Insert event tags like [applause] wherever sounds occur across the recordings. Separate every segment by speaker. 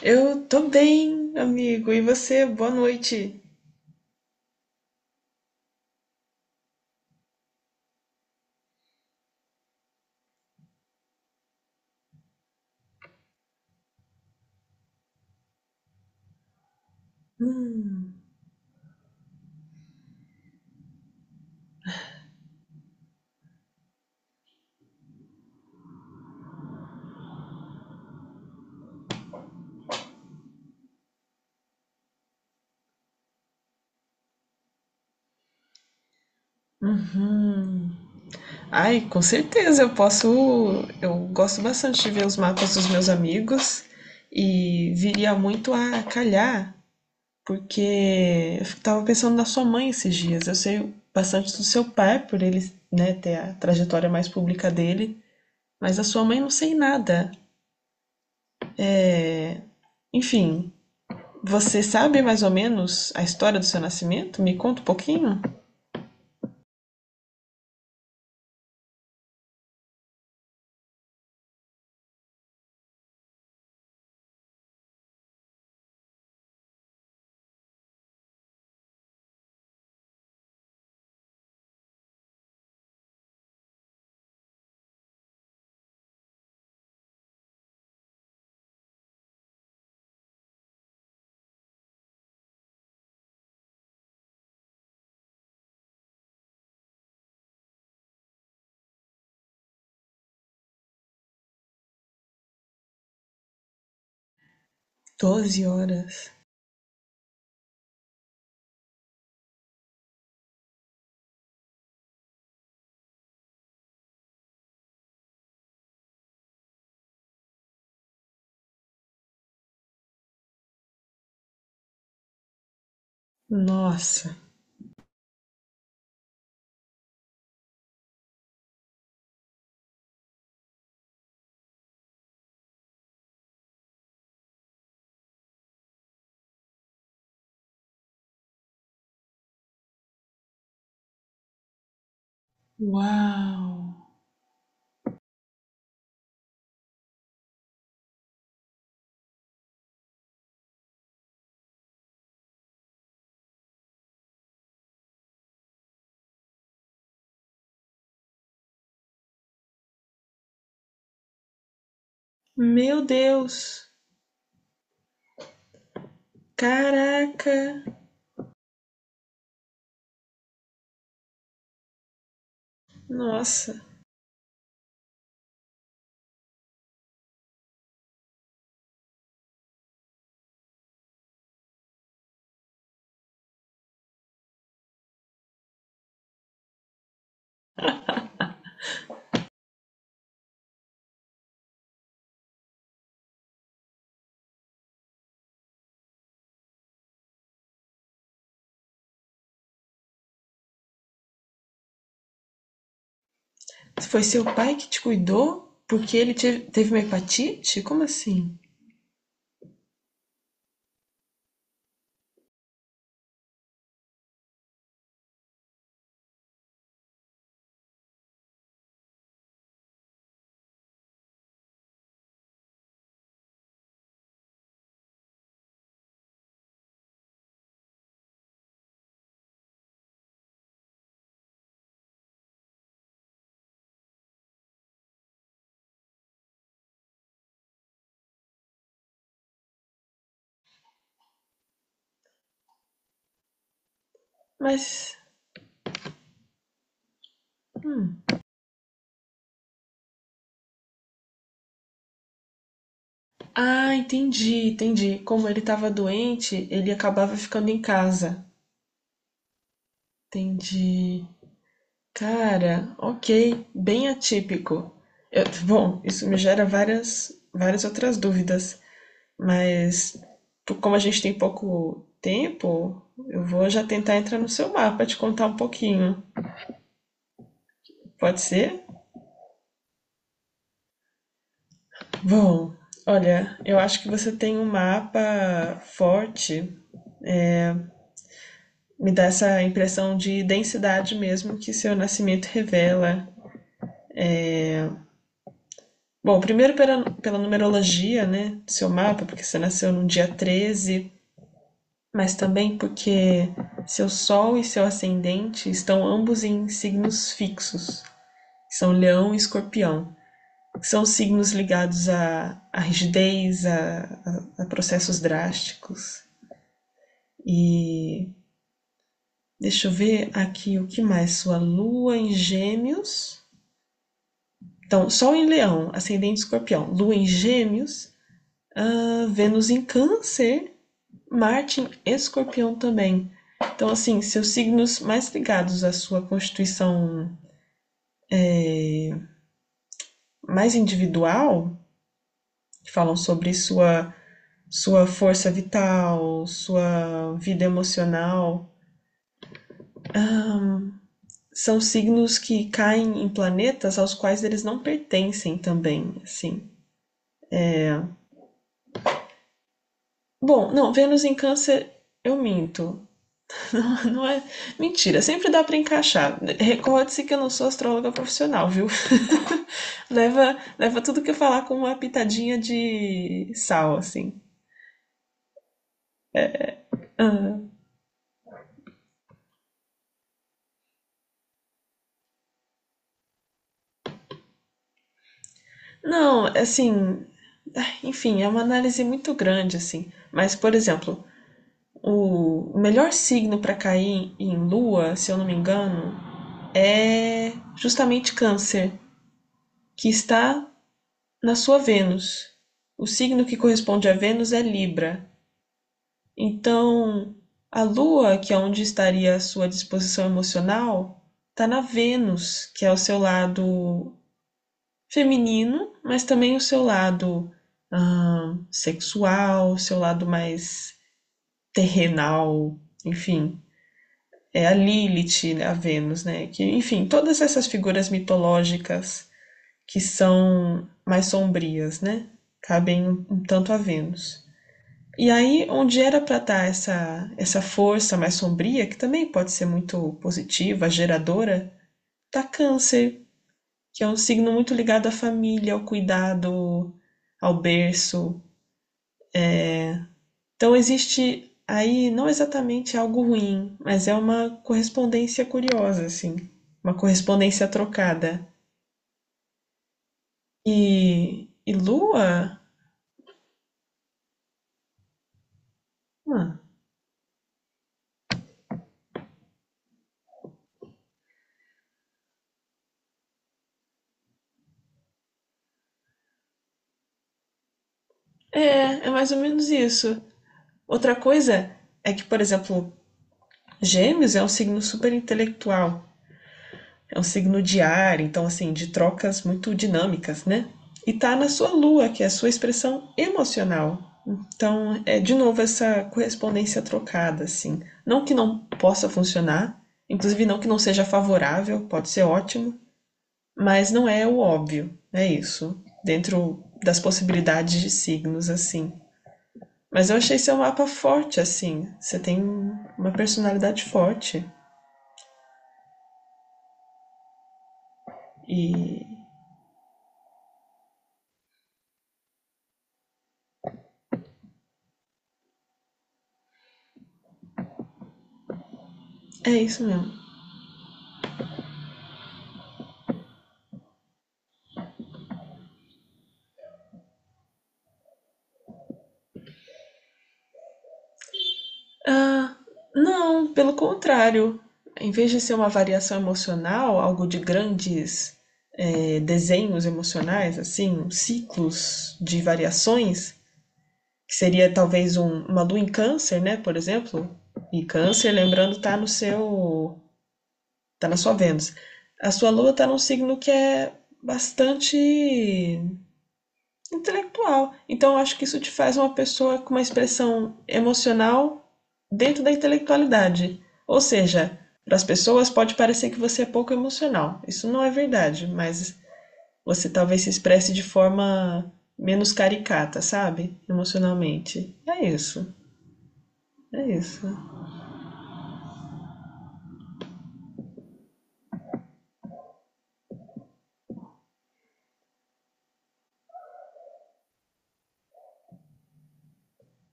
Speaker 1: Eu tô bem, amigo. E você? Boa noite. Hum. Uhum. Ai, com certeza eu posso. Eu gosto bastante de ver os mapas dos meus amigos e viria muito a calhar, porque eu tava pensando na sua mãe esses dias. Eu sei bastante do seu pai, por ele, né, ter a trajetória mais pública dele, mas da sua mãe não sei nada. É, enfim, você sabe mais ou menos a história do seu nascimento? Me conta um pouquinho. 12 horas. Nossa. Uau. Meu Deus. Caraca. Nossa. Foi seu pai que te cuidou? Porque ele teve uma hepatite? Como assim? Mas. Hum. Ah, entendi, entendi. Como ele tava doente, ele acabava ficando em casa. Entendi. Cara, ok. Bem atípico. Bom, isso me gera várias outras dúvidas. Mas, como a gente tem pouco tempo, eu vou já tentar entrar no seu mapa, te contar um pouquinho. Pode ser? Bom, olha, eu acho que você tem um mapa forte. Me dá essa impressão de densidade mesmo que seu nascimento revela. Bom, primeiro pela numerologia, né, do seu mapa, porque você nasceu no dia 13, mas também porque seu Sol e seu ascendente estão ambos em signos fixos, são Leão e Escorpião. São signos ligados à rigidez, a processos drásticos. E deixa eu ver aqui o que mais. Sua lua em gêmeos. Então, Sol em Leão, Ascendente Escorpião, Lua em Gêmeos, ah, Vênus em Câncer, Marte em Escorpião também. Então, assim, seus signos mais ligados à sua constituição mais individual, que falam sobre sua força vital, sua vida emocional, Ah, são signos que caem em planetas aos quais eles não pertencem também, assim. Bom, não, Vênus em Câncer, eu minto. [laughs] Não, não é. Mentira, sempre dá para encaixar. Recorde-se que eu não sou astróloga profissional, viu? [laughs] leva, leva tudo que eu falar com uma pitadinha de sal, assim. Ah, não, assim. Enfim, é uma análise muito grande, assim. Mas, por exemplo, o melhor signo para cair em lua, se eu não me engano, é justamente Câncer, que está na sua Vênus. O signo que corresponde a Vênus é Libra. Então, a lua, que é onde estaria a sua disposição emocional, está na Vênus, que é o seu lado feminino, mas também o seu lado ah, sexual, o seu lado mais terrenal, enfim. É a Lilith, né, a Vênus, né? Que, enfim, todas essas figuras mitológicas que são mais sombrias, né? Cabem um tanto a Vênus. E aí, onde era para estar essa força mais sombria, que também pode ser muito positiva, geradora, tá Câncer, que é um signo muito ligado à família, ao cuidado, ao berço. Então existe aí não exatamente algo ruim, mas é uma correspondência curiosa, assim. Uma correspondência trocada. E Lua? Hum, é mais ou menos isso. Outra coisa é que, por exemplo, Gêmeos é um signo super intelectual. É um signo de ar, então, assim, de trocas muito dinâmicas, né? E tá na sua lua, que é a sua expressão emocional. Então, é de novo essa correspondência trocada, assim. Não que não possa funcionar, inclusive não que não seja favorável, pode ser ótimo, mas não é o óbvio, é isso, dentro das possibilidades de signos, assim. Mas eu achei seu mapa forte, assim. Você tem uma personalidade forte. E é isso mesmo. Ah, não, pelo contrário. Em vez de ser uma variação emocional, algo de grandes desenhos emocionais, assim, ciclos de variações, que seria talvez uma lua em câncer, né, por exemplo. E câncer, lembrando, está no seu, tá na sua Vênus. A sua lua está num signo que é bastante intelectual. Então, eu acho que isso te faz uma pessoa com uma expressão emocional dentro da intelectualidade. Ou seja, para as pessoas pode parecer que você é pouco emocional. Isso não é verdade, mas você talvez se expresse de forma menos caricata, sabe? Emocionalmente. É isso. É isso.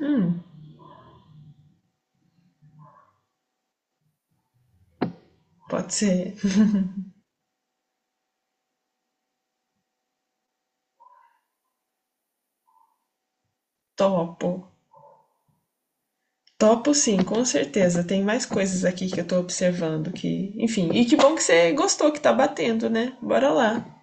Speaker 1: Hum, Pode ser. Topo. Topo sim, com certeza. Tem mais coisas aqui que eu tô observando que, enfim, e que bom que você gostou que tá batendo, né? Bora lá.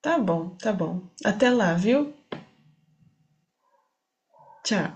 Speaker 1: Tá bom, tá bom. Até lá, viu? Tchau.